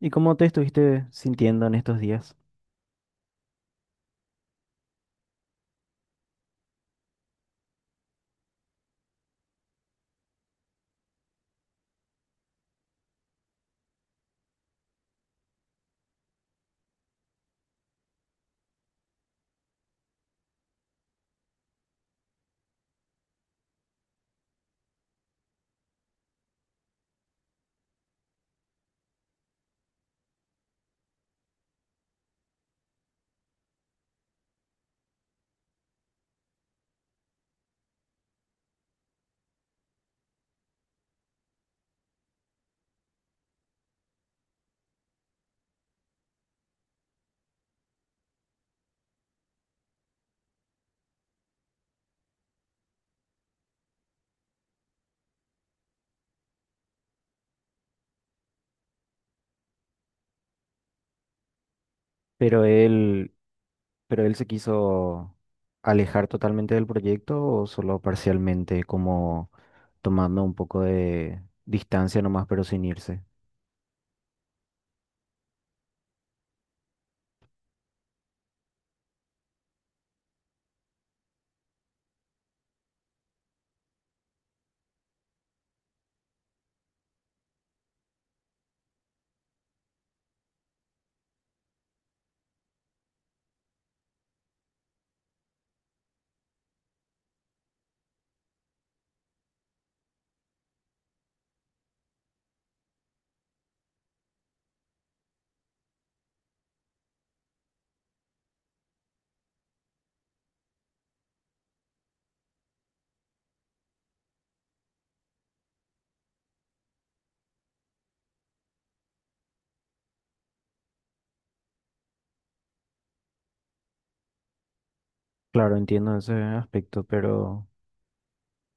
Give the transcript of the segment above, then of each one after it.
¿Y cómo te estuviste sintiendo en estos días? ¿Pero él, pero él se quiso alejar totalmente del proyecto o solo parcialmente, como tomando un poco de distancia nomás, pero sin irse? Claro, entiendo ese aspecto, pero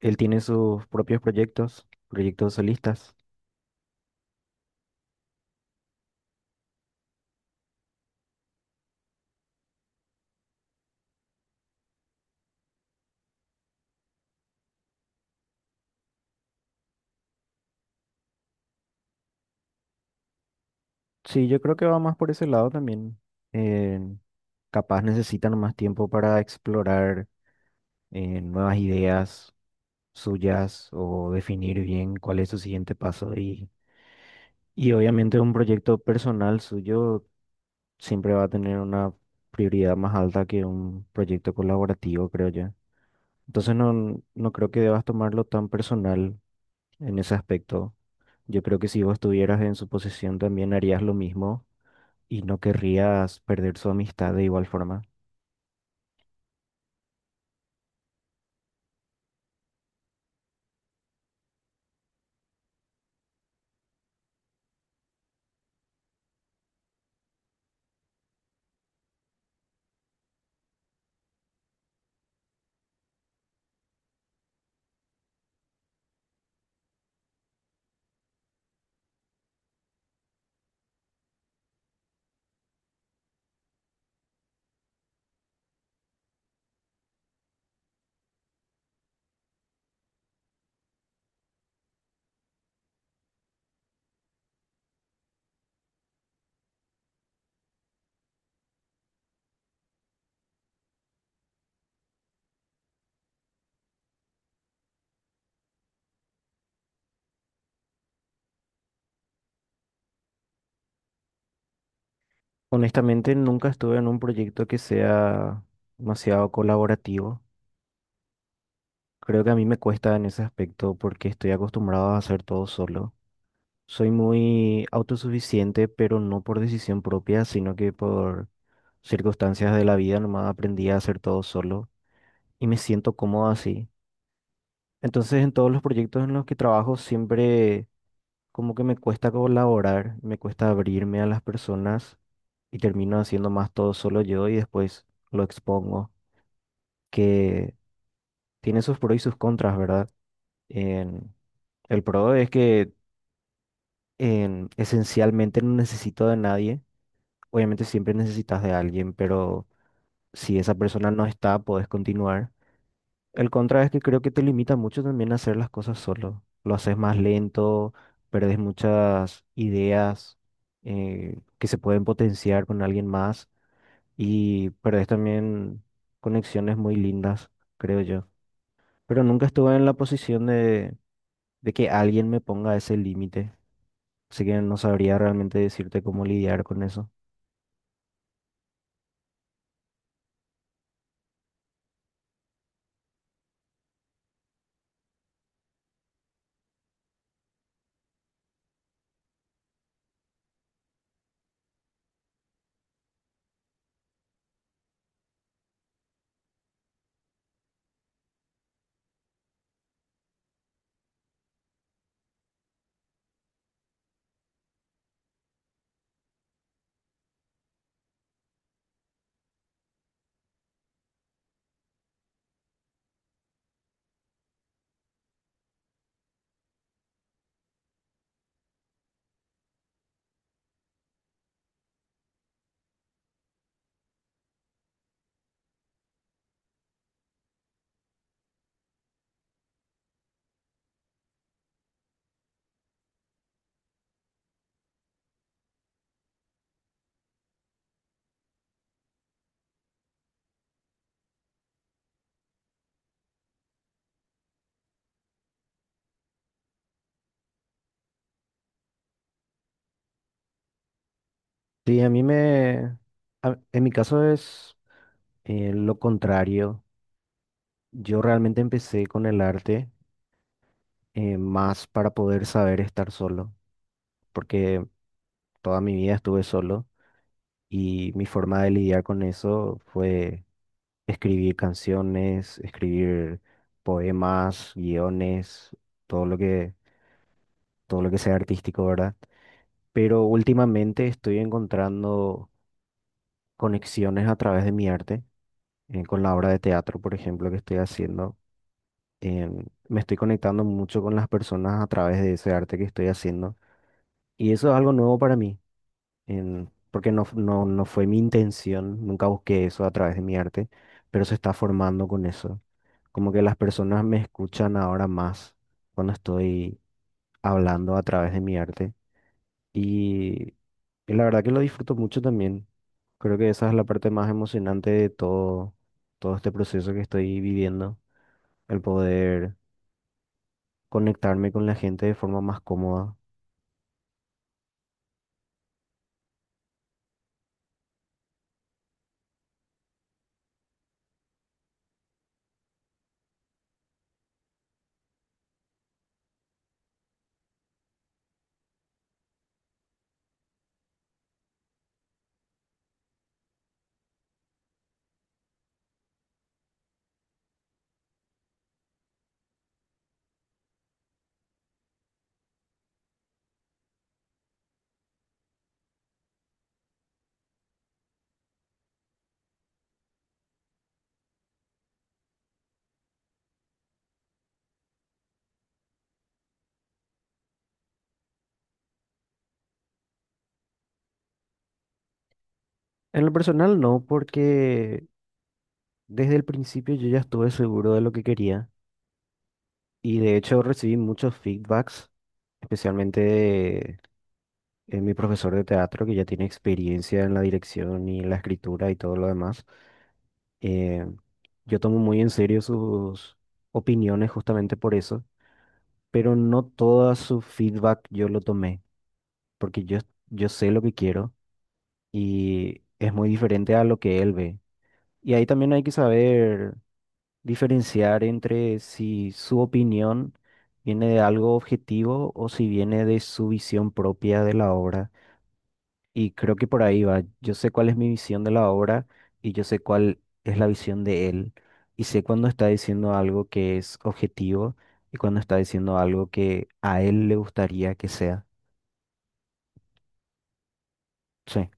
él tiene sus propios proyectos, proyectos solistas. Sí, yo creo que va más por ese lado también. Eh, Capaz necesitan más tiempo para explorar nuevas ideas suyas o definir bien cuál es su siguiente paso y obviamente un proyecto personal suyo siempre va a tener una prioridad más alta que un proyecto colaborativo, creo yo. Entonces no, no creo que debas tomarlo tan personal en ese aspecto. Yo creo que si vos estuvieras en su posición también harías lo mismo y no querrías perder su amistad de igual forma. Honestamente, nunca estuve en un proyecto que sea demasiado colaborativo. Creo que a mí me cuesta en ese aspecto porque estoy acostumbrado a hacer todo solo. Soy muy autosuficiente, pero no por decisión propia, sino que por circunstancias de la vida nomás aprendí a hacer todo solo y me siento cómodo así. Entonces, en todos los proyectos en los que trabajo siempre como que me cuesta colaborar, me cuesta abrirme a las personas y termino haciendo más todo solo yo y después lo expongo, que tiene sus pros y sus contras, ¿verdad? En- el pro es que esencialmente no necesito de nadie. Obviamente siempre necesitas de alguien, pero si esa persona no está, puedes continuar. El contra es que creo que te limita mucho también a hacer las cosas solo. Lo haces más lento, perdes muchas ideas que se pueden potenciar con alguien más y perdes también conexiones muy lindas, creo yo. Pero nunca estuve en la posición de que alguien me ponga ese límite, así que no sabría realmente decirte cómo lidiar con eso. Sí, en mi caso es lo contrario. Yo realmente empecé con el arte más para poder saber estar solo, porque toda mi vida estuve solo y mi forma de lidiar con eso fue escribir canciones, escribir poemas, guiones, todo lo que, todo lo que sea artístico, ¿verdad? Pero últimamente estoy encontrando conexiones a través de mi arte, con la obra de teatro, por ejemplo, que estoy haciendo. Me estoy conectando mucho con las personas a través de ese arte que estoy haciendo. Y eso es algo nuevo para mí, porque no, no fue mi intención, nunca busqué eso a través de mi arte, pero se está formando con eso. Como que las personas me escuchan ahora más cuando estoy hablando a través de mi arte. Y, y la verdad que lo disfruto mucho también. Creo que esa es la parte más emocionante de todo, todo este proceso que estoy viviendo, el poder conectarme con la gente de forma más cómoda. En lo personal no, porque desde el principio yo ya estuve seguro de lo que quería y de hecho recibí muchos feedbacks, especialmente de, mi profesor de teatro que ya tiene experiencia en la dirección y la escritura y todo lo demás. Eh, yo tomo muy en serio sus opiniones justamente por eso, pero no todo su feedback yo lo tomé, porque yo, yo sé lo que quiero y es muy diferente a lo que él ve. Y ahí también hay que saber diferenciar entre si su opinión viene de algo objetivo o si viene de su visión propia de la obra. Y creo que por ahí va. Yo sé cuál es mi visión de la obra y yo sé cuál es la visión de él. Y sé cuando está diciendo algo que es objetivo y cuando está diciendo algo que a él le gustaría que sea. Sí,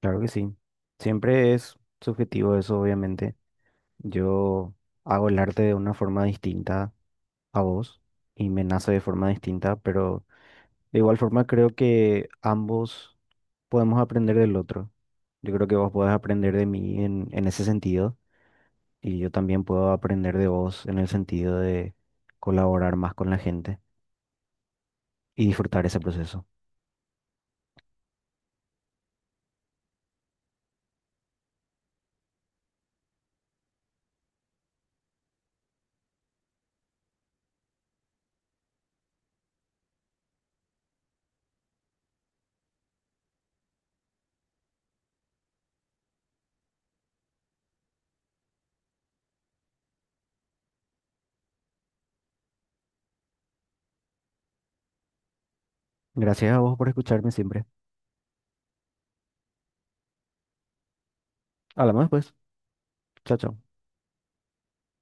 claro que sí. Siempre es subjetivo eso, obviamente. Yo hago el arte de una forma distinta a vos y me nace de forma distinta, pero de igual forma creo que ambos podemos aprender del otro. Yo creo que vos podés aprender de mí en ese sentido y yo también puedo aprender de vos en el sentido de colaborar más con la gente y disfrutar ese proceso. Gracias a vos por escucharme siempre. Hablamos después. Chao, chao.